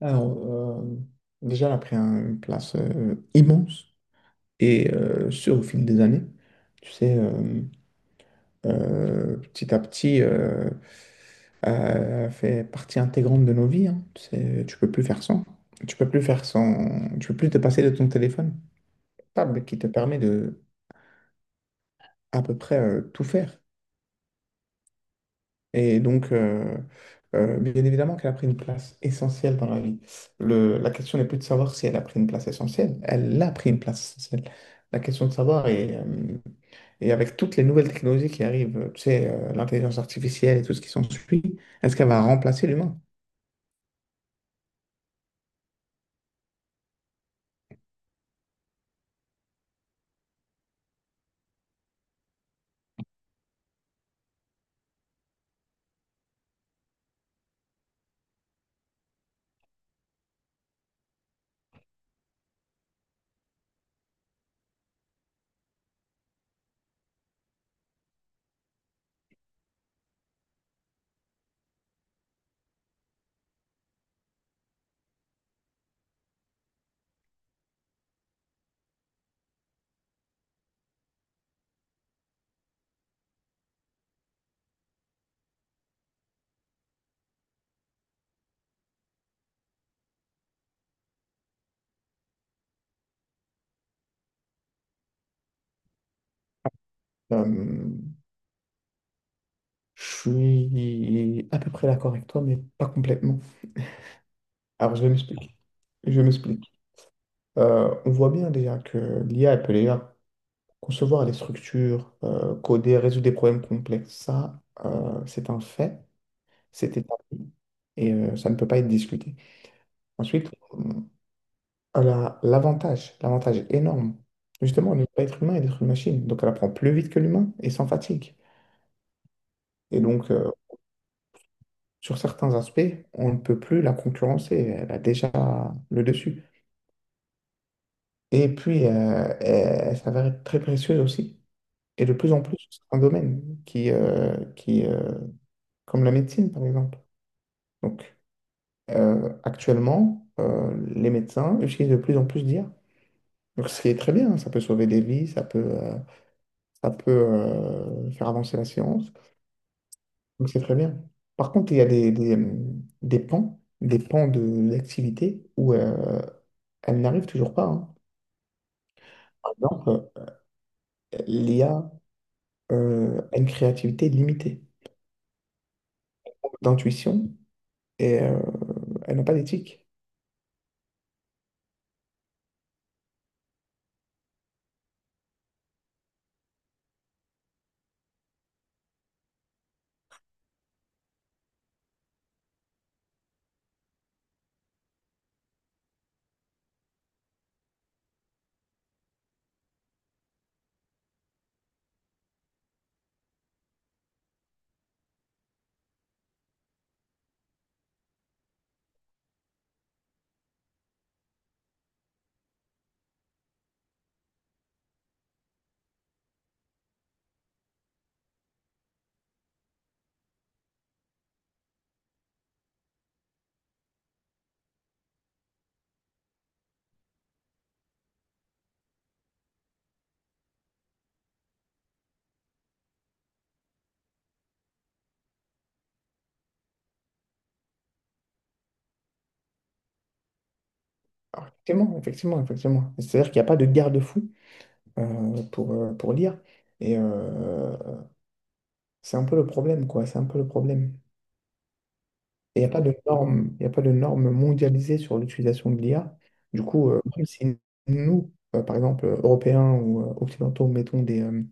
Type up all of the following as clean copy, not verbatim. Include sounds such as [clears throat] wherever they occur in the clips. Alors, euh, déjà, elle a pris une place immense et sur au fil des années. Tu sais, euh, petit à petit, fait partie intégrante de nos vies, hein. Tu sais, tu peux plus faire sans. Tu peux plus faire sans. Tu peux plus te passer de ton téléphone. Table qui te permet de à peu près tout faire. Et donc, bien évidemment qu'elle a pris une place essentielle dans la vie. La question n'est plus de savoir si elle a pris une place essentielle, elle a pris une place essentielle. La question de savoir est, et avec toutes les nouvelles technologies qui arrivent, l'intelligence artificielle et tout ce qui s'ensuit, est-ce qu'elle va remplacer l'humain? Euh, je suis à peu près d'accord avec toi, mais pas complètement. Alors, je m'explique. Je m'explique. On voit bien déjà que l'IA, elle peut déjà concevoir les structures, coder, résoudre des problèmes complexes. Ça, c'est un fait, c'est établi et ça ne peut pas être discuté. Ensuite, on a l'avantage, l'avantage énorme, justement, on n'est pas être humain et d'être une machine. Donc, elle apprend plus vite que l'humain et sans fatigue. Et donc, sur certains aspects, on ne peut plus la concurrencer. Elle a déjà le dessus. Et puis, elle s'avère être très précieuse aussi. Et de plus en plus sur certains domaines qui comme la médecine, par exemple. Donc, actuellement, les médecins utilisent de plus en plus d'IA. Donc, ce qui est très bien, hein, ça peut sauver des vies, ça peut faire avancer la science. Donc, c'est très bien. Par contre, il y a des pans de l'activité où elle n'arrive toujours pas, hein. Par exemple, l'IA a une créativité limitée, d'intuition, et elle n'a pas d'éthique. Alors, effectivement, effectivement, effectivement. C'est-à-dire qu'il n'y a pas de garde-fou, pour lire. Et c'est un peu le problème, quoi. C'est un peu le problème. Et il n'y a pas de normes, il a pas de normes mondialisées sur l'utilisation de l'IA. Du coup, même si nous, par exemple, Européens ou Occidentaux, mettons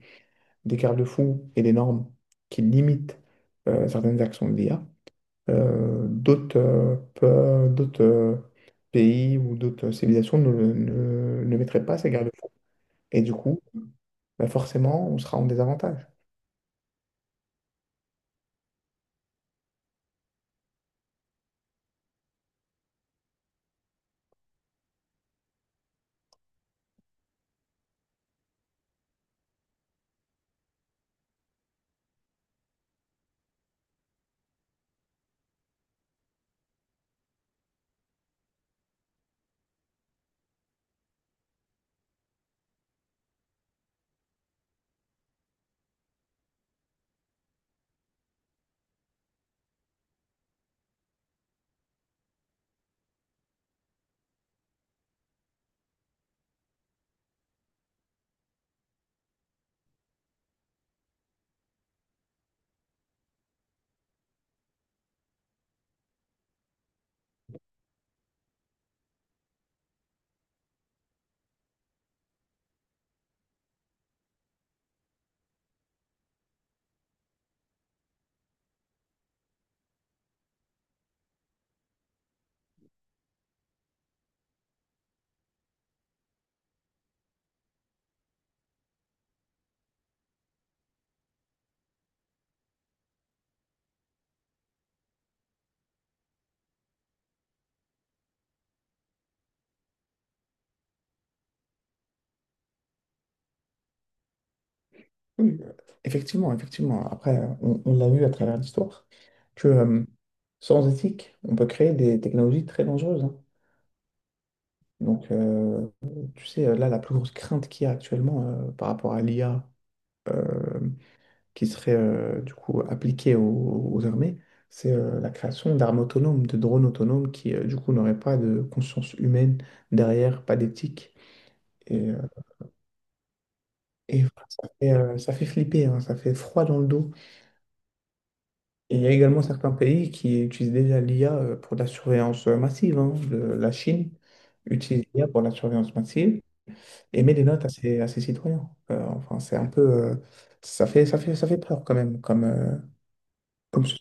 des garde-fous et des normes qui limitent certaines actions de l'IA, d'autres pays ou d'autres civilisations ne mettraient pas ces garde-fous. Et du coup, bah, forcément, on sera en désavantage. Oui, effectivement, effectivement. Après, on l'a vu à travers l'histoire que sans éthique, on peut créer des technologies très dangereuses, hein. Donc, là, la plus grosse crainte qu'il y a actuellement par rapport à l'IA euh, qui serait du coup appliquée aux armées, c'est la création d'armes autonomes, de drones autonomes qui du coup, n'auraient pas de conscience humaine derrière, pas d'éthique. Et, euh, et voilà, ça fait flipper, hein, ça fait froid dans le dos. Il y a également certains pays qui utilisent déjà l'IA pour la surveillance massive, hein. La Chine utilise l'IA pour la surveillance massive et met des notes à ses citoyens. Enfin, c'est un peu, ça fait peur quand même. Comme... ce-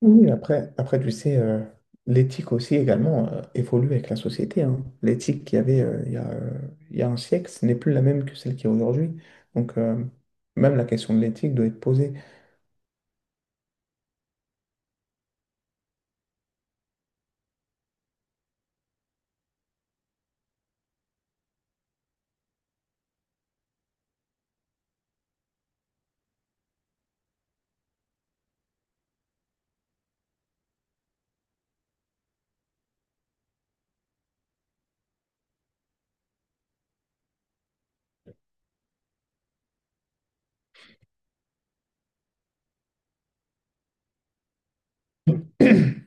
Oui, oui, après, après, tu sais, l'éthique aussi également évolue avec la société, hein. L'éthique qu'il y avait il y a un siècle, ce n'est plus la même que celle qu'il y a aujourd'hui. Donc, même la question de l'éthique doit être posée. [clears throat]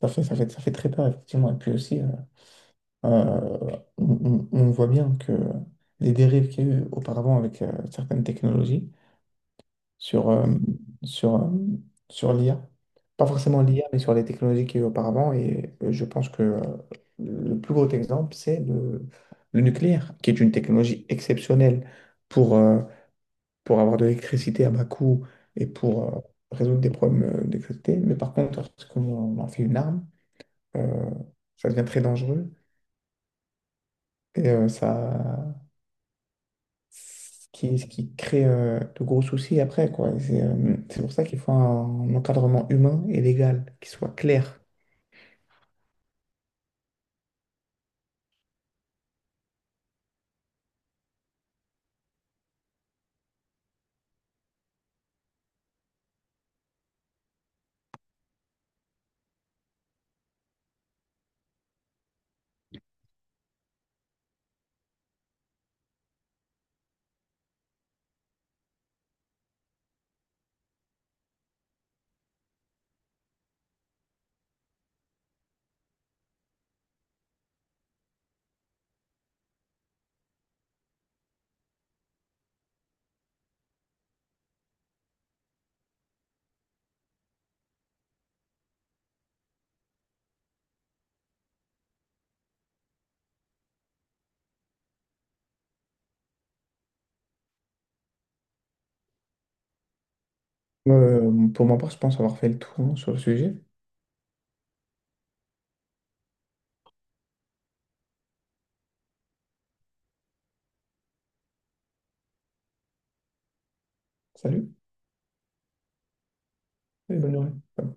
Ça fait très peur, effectivement. Et puis aussi, on voit bien que les dérives qu'il y a eu auparavant avec certaines technologies sur, euh, sur, euh, sur l'IA, pas forcément l'IA, mais sur les technologies qu'il y a eu auparavant. Et je pense que le plus gros exemple, c'est le nucléaire, qui est une technologie exceptionnelle pour, euh, pour avoir de l'électricité à bas coût et pour résoudre des problèmes d'électricité. Mais par contre, lorsqu'on en fait une arme, euh, ça devient très dangereux. Et ça. Ce qui, ce qui crée de gros soucis après, quoi. C'est pour ça qu'il faut un encadrement humain et légal qui soit clair. Pour ma part, je pense avoir fait le tour, hein, sur le sujet. Salut et bonne journée.